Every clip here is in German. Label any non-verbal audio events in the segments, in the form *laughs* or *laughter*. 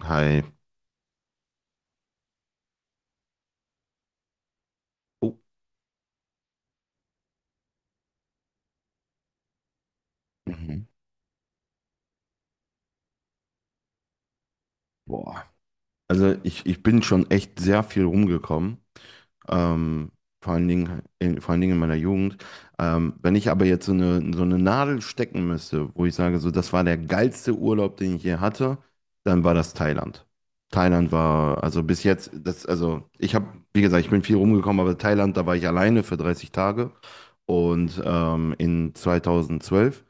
Hi. Oh. Mhm. Boah. Also ich bin schon echt sehr viel rumgekommen. Ähm, vor allen Dingen vor allen Dingen in meiner Jugend. Wenn ich aber jetzt so eine Nadel stecken müsste, wo ich sage, so, das war der geilste Urlaub, den ich je hatte, dann war das Thailand. Thailand war, also bis jetzt, das, also ich habe, wie gesagt, ich bin viel rumgekommen, aber Thailand, da war ich alleine für 30 Tage und in 2012.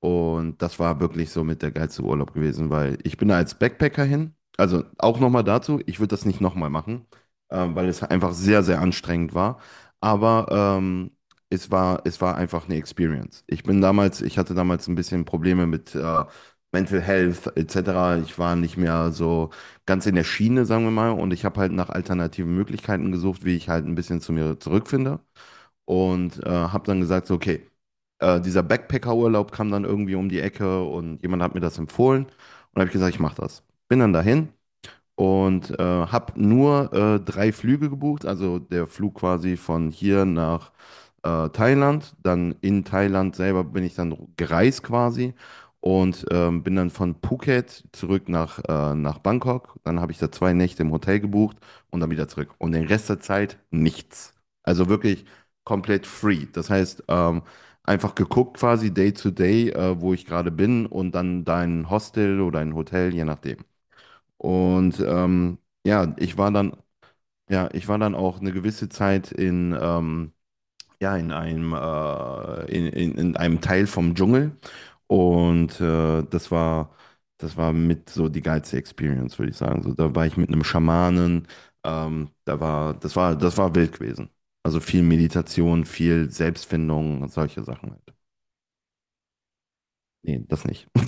Und das war wirklich so mit der geilste Urlaub gewesen, weil ich bin da als Backpacker hin. Also auch nochmal dazu, ich würde das nicht nochmal machen, weil es einfach sehr, sehr anstrengend war. Aber es war einfach eine Experience. Ich bin damals, ich hatte damals ein bisschen Probleme mit Mental Health etc. Ich war nicht mehr so ganz in der Schiene, sagen wir mal, und ich habe halt nach alternativen Möglichkeiten gesucht, wie ich halt ein bisschen zu mir zurückfinde. Und habe dann gesagt, so, okay, dieser Backpacker-Urlaub kam dann irgendwie um die Ecke und jemand hat mir das empfohlen und habe ich gesagt, ich mache das. Bin dann dahin und habe nur 3 Flüge gebucht, also der Flug quasi von hier nach Thailand, dann in Thailand selber bin ich dann gereist quasi und bin dann von Phuket zurück nach, nach Bangkok, dann habe ich da 2 Nächte im Hotel gebucht und dann wieder zurück und den Rest der Zeit nichts. Also wirklich komplett free. Das heißt, einfach geguckt quasi day to day, wo ich gerade bin und dann dein Hostel oder ein Hotel, je nachdem. Und ja, ich war ja, ich war dann auch eine gewisse Zeit in, ja, in einem, in einem Teil vom Dschungel. Und das das war mit so die geilste Experience, würde ich sagen. So, da war ich mit einem Schamanen, da war, das war wild gewesen. Also viel Meditation, viel Selbstfindung und solche Sachen halt. Nee, das nicht. *laughs*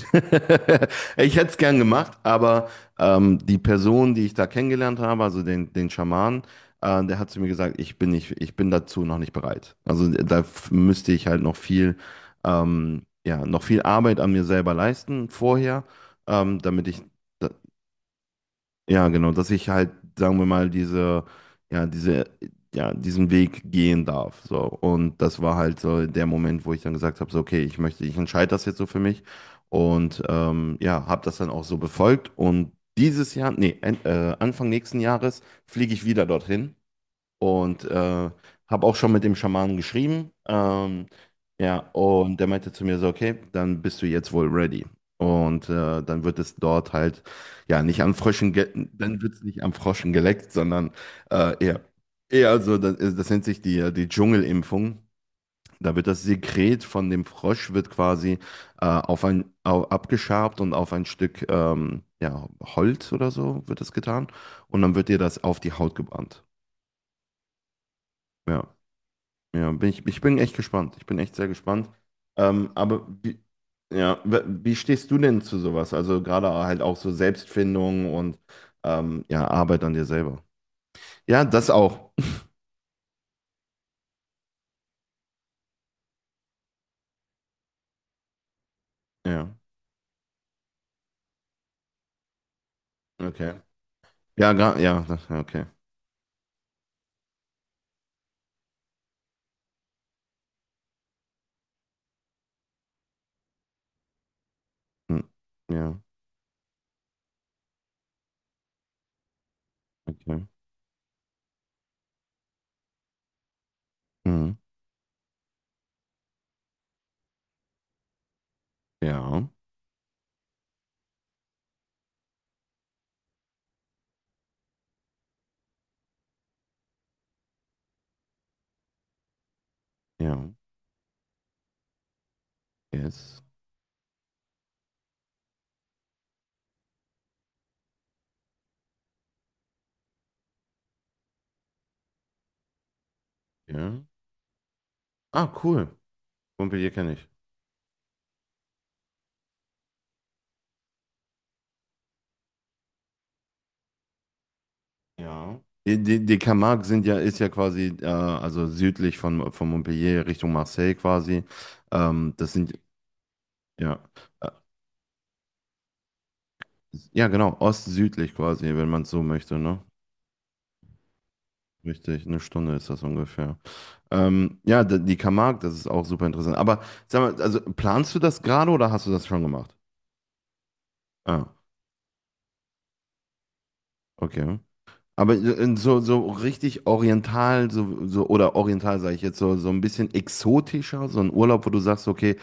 Ich hätte es gern gemacht, aber die Person, die ich da kennengelernt habe, also den Schaman, der hat zu mir gesagt, ich bin dazu noch nicht bereit. Also da müsste ich halt noch viel, ja, noch viel Arbeit an mir selber leisten vorher, ähm, damit ich, da- ja, genau, dass ich halt, sagen wir mal, diese, ja, diesen Weg gehen darf. So. Und das war halt so der Moment, wo ich dann gesagt habe, so, okay, ich entscheide das jetzt so für mich. Und ja, habe das dann auch so befolgt. Und dieses Jahr, nee, en- Anfang nächsten Jahres fliege ich wieder dorthin. Und habe auch schon mit dem Schamanen geschrieben. Ja, und der meinte zu mir so, okay, dann bist du jetzt wohl ready. Und dann wird es dort halt, ja, nicht an Fröschen, ge dann wird es nicht am Froschen geleckt, sondern äh, eher, eher so, das nennt sich die Dschungelimpfung. Da wird das Sekret von dem Frosch wird quasi abgeschabt und auf ein Stück ja, Holz oder so wird das getan. Und dann wird dir das auf die Haut gebrannt. Ja. Ja, ich bin echt gespannt. Ich bin echt sehr gespannt. Ähm, aber wie, ja, wie stehst du denn zu sowas? Also gerade halt auch so Selbstfindung und ja, Arbeit an dir selber. Ja, das auch. Ja, okay. Ja, ja, okay. Hm. Ja, okay. Mhm. Ja, ja, yes. Ja. Ah, cool. Montpellier kenne ich. Ja. Die, die Camargue sind ja, ist ja quasi, also südlich von Montpellier Richtung Marseille quasi. Das sind Ja. Äh, ja, genau, ostsüdlich quasi, wenn man es so möchte, ne? Richtig, 1 Stunde ist das ungefähr. Ja, die Camargue, das ist auch super interessant. Aber sag mal, also planst du das gerade oder hast du das schon gemacht? Ah, okay. Aber in so, so richtig oriental, oder oriental sage ich jetzt, so, so ein bisschen exotischer, so ein Urlaub, wo du sagst, okay,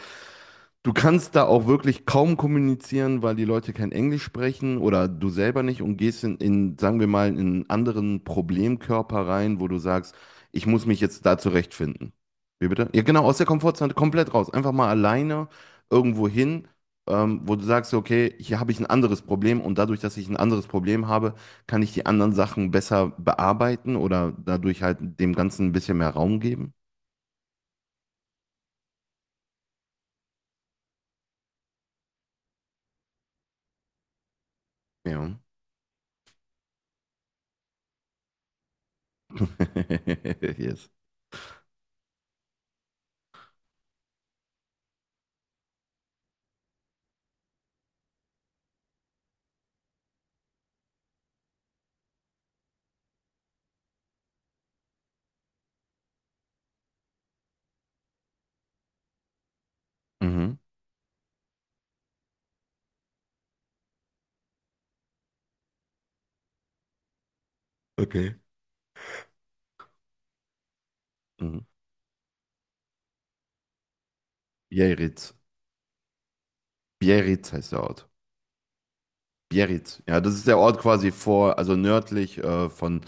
du kannst da auch wirklich kaum kommunizieren, weil die Leute kein Englisch sprechen oder du selber nicht und gehst sagen wir mal, in einen anderen Problemkörper rein, wo du sagst, ich muss mich jetzt da zurechtfinden. Wie bitte? Ja, genau, aus der Komfortzone komplett raus. Einfach mal alleine irgendwo hin, wo du sagst, okay, hier habe ich ein anderes Problem und dadurch, dass ich ein anderes Problem habe, kann ich die anderen Sachen besser bearbeiten oder dadurch halt dem Ganzen ein bisschen mehr Raum geben. Ja. *laughs* Yes. Mhm. Okay. Mhm. Biarritz. Biarritz heißt der Ort. Biarritz. Ja, das ist der Ort quasi vor, also nördlich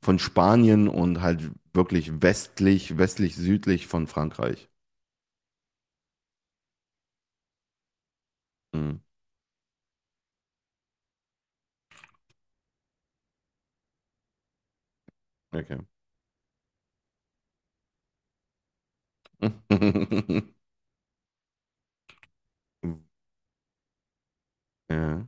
von Spanien und halt wirklich westlich, südlich von Frankreich. Mhm. Okay. *laughs* Ja,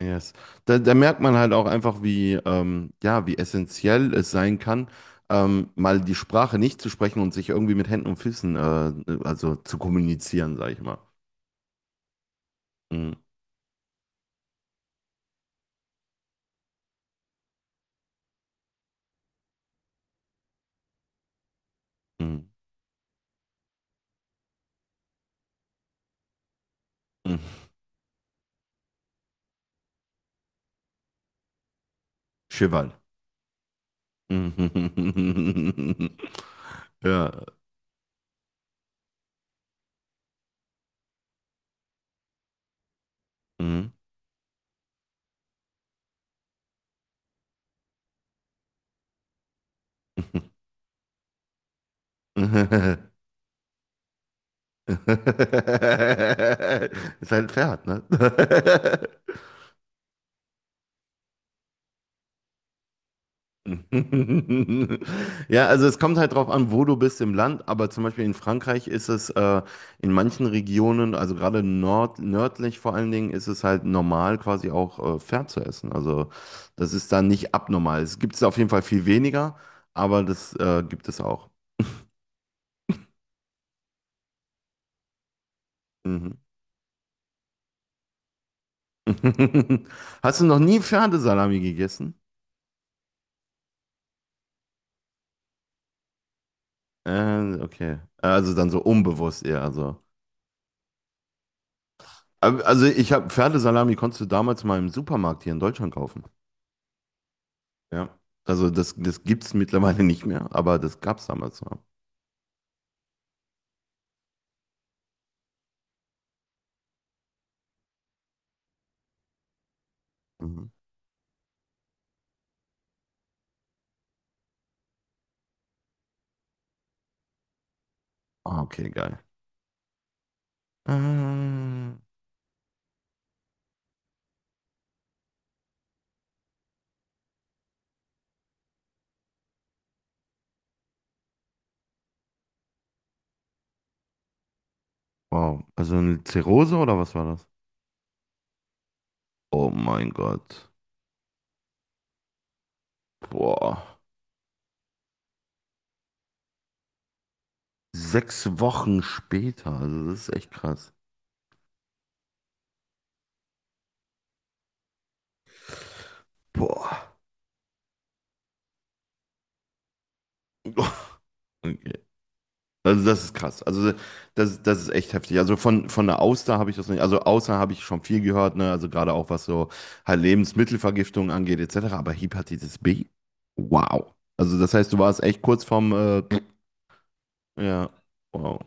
yes. Da, da merkt man halt auch einfach, wie, ja, wie essentiell es sein kann, mal die Sprache nicht zu sprechen und sich irgendwie mit Händen und Füßen, also zu kommunizieren, sag ich mal. Mhm. Mhm. Mhm. Cheval. Mhm. *laughs* Ja. Mhm. *laughs* Ist halt ein Pferd, ne? *laughs* *laughs* Ja, also es kommt halt drauf an, wo du bist im Land, aber zum Beispiel in Frankreich ist es in manchen Regionen, also gerade nord nördlich vor allen Dingen, ist es halt normal, quasi auch Pferd zu essen. Also das ist da nicht abnormal. Es gibt es auf jeden Fall viel weniger, aber das gibt es auch. Mhm. *laughs* Hast du noch nie Pferdesalami gegessen? Okay. Also dann so unbewusst eher. Also, also ich habe Pferdesalami konntest du damals mal im Supermarkt hier in Deutschland kaufen. Ja. Also das gibt es mittlerweile nicht mehr, aber das gab es damals noch. Mhm. Ah, okay, geil. Ähm, wow. Also eine Zirrhose oder was war das? Oh mein Gott. Boah. 6 Wochen später. Also das ist echt krass. Boah. *laughs* Okay. Also das ist krass. Also das ist echt heftig. Also von der Auster habe ich das nicht. Also Auster habe ich schon viel gehört, ne? Also gerade auch was so halt Lebensmittelvergiftung angeht, etc. Aber Hepatitis B? Wow. Also das heißt, du warst echt kurz vorm, ja, wow.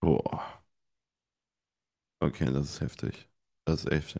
Boah. Okay, das ist heftig. Das ist echt.